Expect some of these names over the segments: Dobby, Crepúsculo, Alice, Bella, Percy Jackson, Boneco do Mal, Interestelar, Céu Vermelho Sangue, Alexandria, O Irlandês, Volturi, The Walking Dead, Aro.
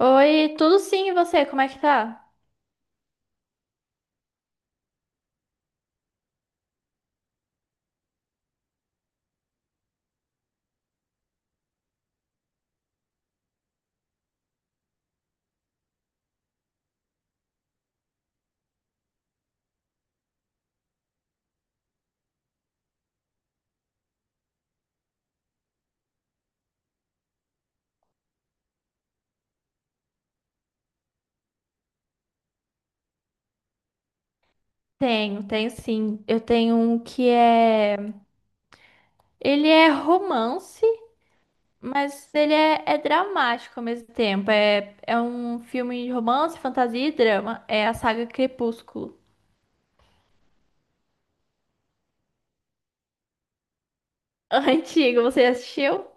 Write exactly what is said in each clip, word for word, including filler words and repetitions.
Oi, tudo sim, e você? Como é que tá? Tenho, tenho sim. Eu tenho um que é. Ele é romance, mas ele é, é dramático ao mesmo tempo. É, é um filme de romance, fantasia e drama. É a saga Crepúsculo. Antigo, você assistiu?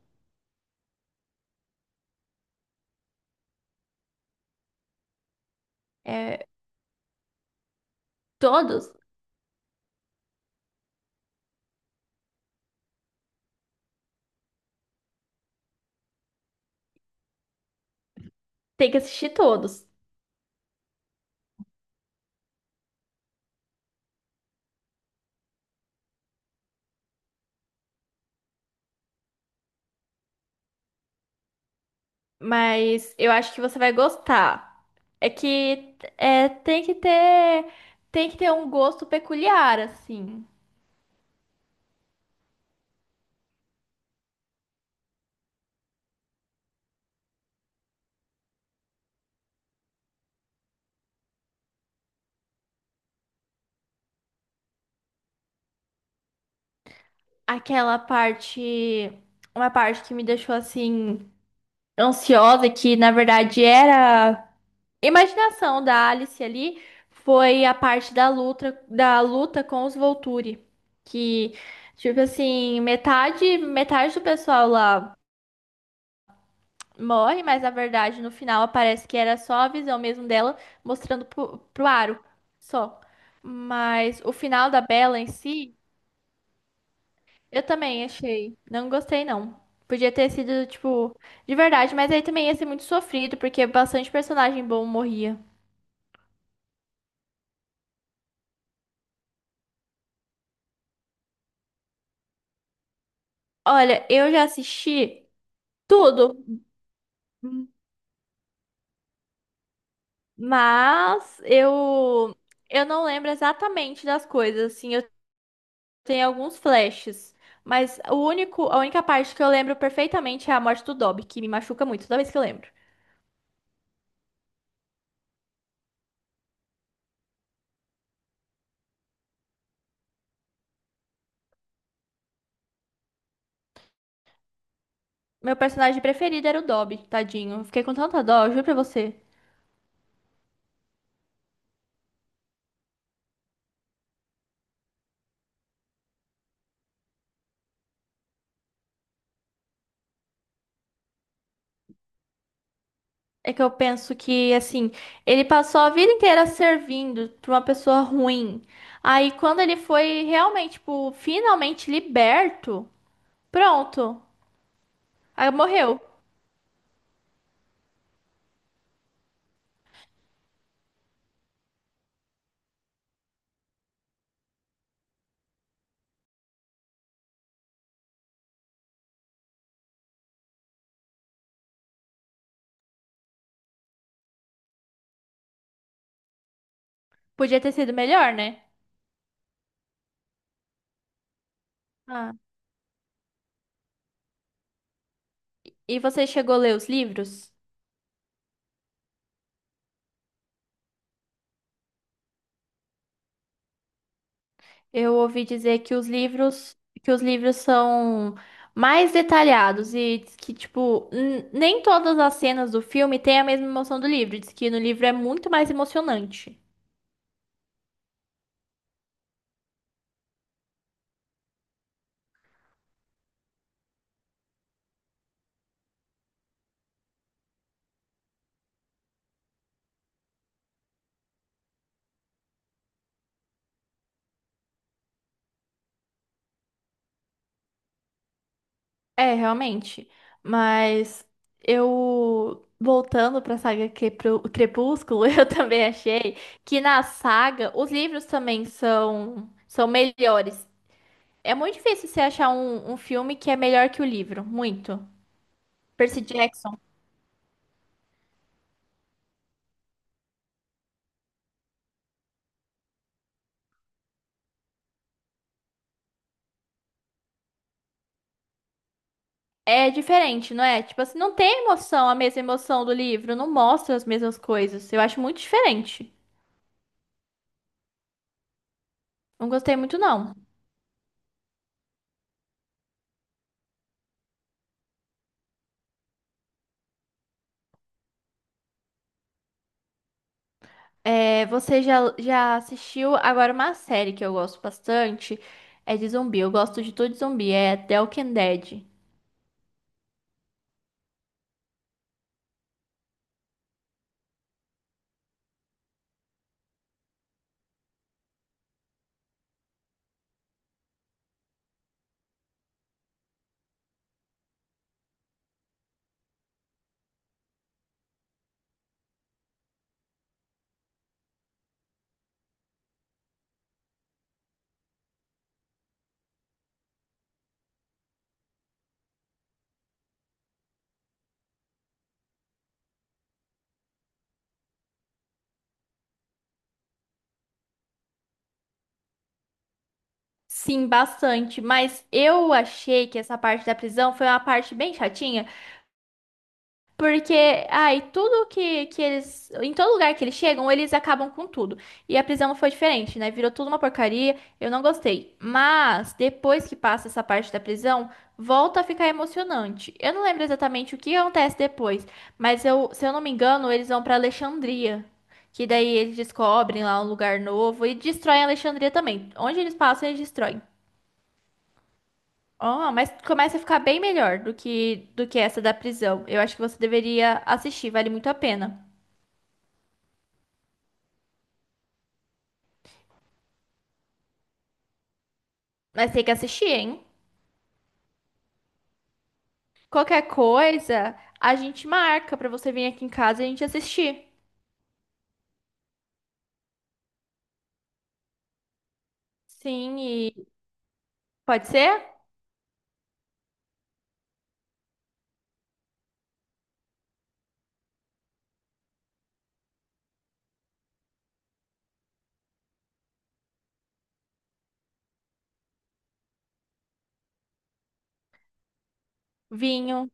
É, todos? Tem que assistir todos. Mas eu acho que você vai gostar. É que é, tem que ter, tem que ter um gosto peculiar, assim. Aquela parte, uma parte que me deixou assim ansiosa, que na verdade era imaginação da Alice ali, foi a parte da luta, da luta com os Volturi, que tipo assim, metade, metade do pessoal lá morre, mas na verdade no final parece que era só a visão mesmo dela mostrando pro, pro Aro, só. Mas o final da Bella em si. Eu também achei. Não gostei, não. Podia ter sido, tipo, de verdade, mas aí também ia ser muito sofrido, porque bastante personagem bom morria. Olha, eu já assisti tudo, mas eu eu não lembro exatamente das coisas, assim, eu tenho alguns flashes, mas o único, a única parte que eu lembro perfeitamente é a morte do Dobby, que me machuca muito toda vez que eu lembro. Meu personagem preferido era o Dobby, tadinho. Eu fiquei com tanta dó, eu juro pra você. É que eu penso que, assim, ele passou a vida inteira servindo pra uma pessoa ruim. Aí, quando ele foi realmente, tipo, finalmente liberto, pronto. Aí morreu. Podia ter sido melhor, né? Ah, e você chegou a ler os livros? Eu ouvi dizer que os livros, que os livros são mais detalhados e diz que, tipo, n- nem todas as cenas do filme têm a mesma emoção do livro. Diz que no livro é muito mais emocionante. É, realmente. Mas eu, voltando pra saga Crepú- Crepúsculo, eu também achei que na saga os livros também são, são melhores. É muito difícil você achar um, um filme que é melhor que o livro, muito. Percy Jackson é diferente, não é? Tipo assim, não tem emoção, a mesma emoção do livro, não mostra as mesmas coisas. Eu acho muito diferente. Não gostei muito, não. É, você já, já assistiu agora uma série que eu gosto bastante? É de zumbi. Eu gosto de tudo de zumbi. É The Walking Dead. Sim, bastante. Mas eu achei que essa parte da prisão foi uma parte bem chatinha. Porque, ai, tudo que, que eles. Em todo lugar que eles chegam, eles acabam com tudo. E a prisão não foi diferente, né? Virou tudo uma porcaria. Eu não gostei. Mas, depois que passa essa parte da prisão, volta a ficar emocionante. Eu não lembro exatamente o que acontece depois. Mas, eu, se eu não me engano, eles vão pra Alexandria. Que daí eles descobrem lá um lugar novo e destroem Alexandria também. Onde eles passam, eles destroem. Ó, mas começa a ficar bem melhor do que do que essa da prisão. Eu acho que você deveria assistir, vale muito a pena. Mas tem que assistir, hein? Qualquer coisa, a gente marca pra você vir aqui em casa e a gente assistir. Sim, e pode ser? Vinho.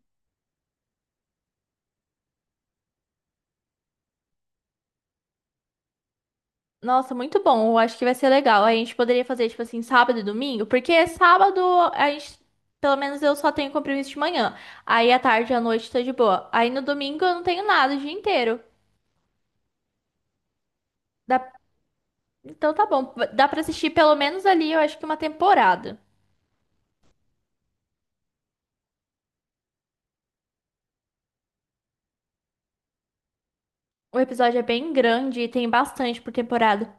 Nossa, muito bom. Eu acho que vai ser legal. A gente poderia fazer tipo assim, sábado e domingo, porque sábado a gente. Pelo menos eu só tenho compromisso de manhã. Aí à tarde e à noite tá de boa. Aí no domingo eu não tenho nada o dia inteiro. Dá. Então tá bom. Dá pra assistir pelo menos ali, eu acho que uma temporada. O episódio é bem grande e tem bastante por temporada.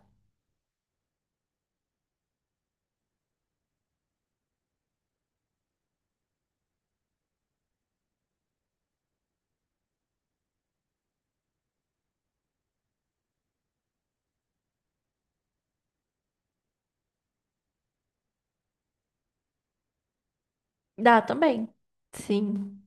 Dá também. Sim.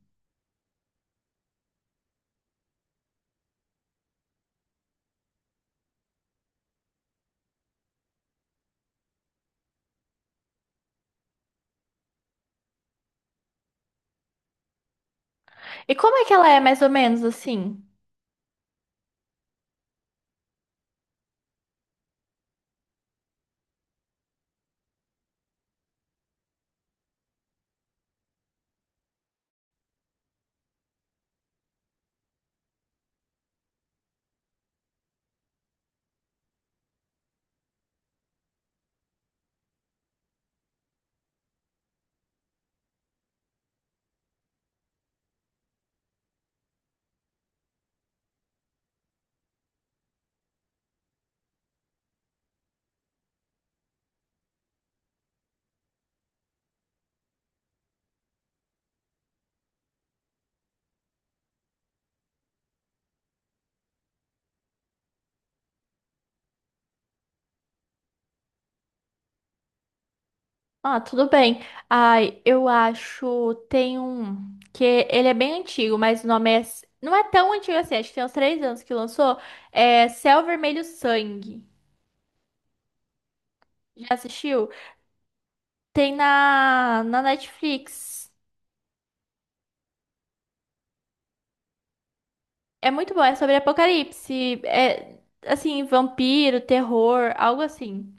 E como é que ela é mais ou menos assim? Ah, tudo bem. Ai, eu acho tem um que ele é bem antigo, mas o nome é, não é tão antigo assim, acho que tem uns três anos que lançou. É Céu Vermelho Sangue. Já assistiu? Tem na na Netflix. É muito bom, é sobre apocalipse, é assim, vampiro, terror, algo assim.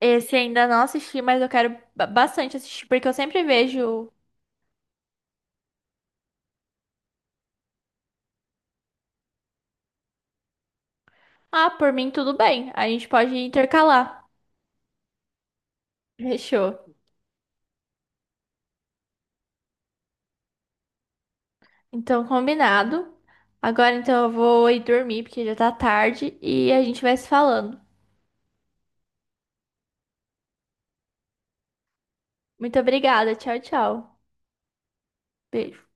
Esse ainda não assisti, mas eu quero ba- bastante assistir, porque eu sempre vejo. Ah, por mim tudo bem. A gente pode intercalar. Fechou. Então, combinado. Agora então eu vou ir dormir, porque já tá tarde, e a gente vai se falando. Muito obrigada, tchau, tchau. Beijo.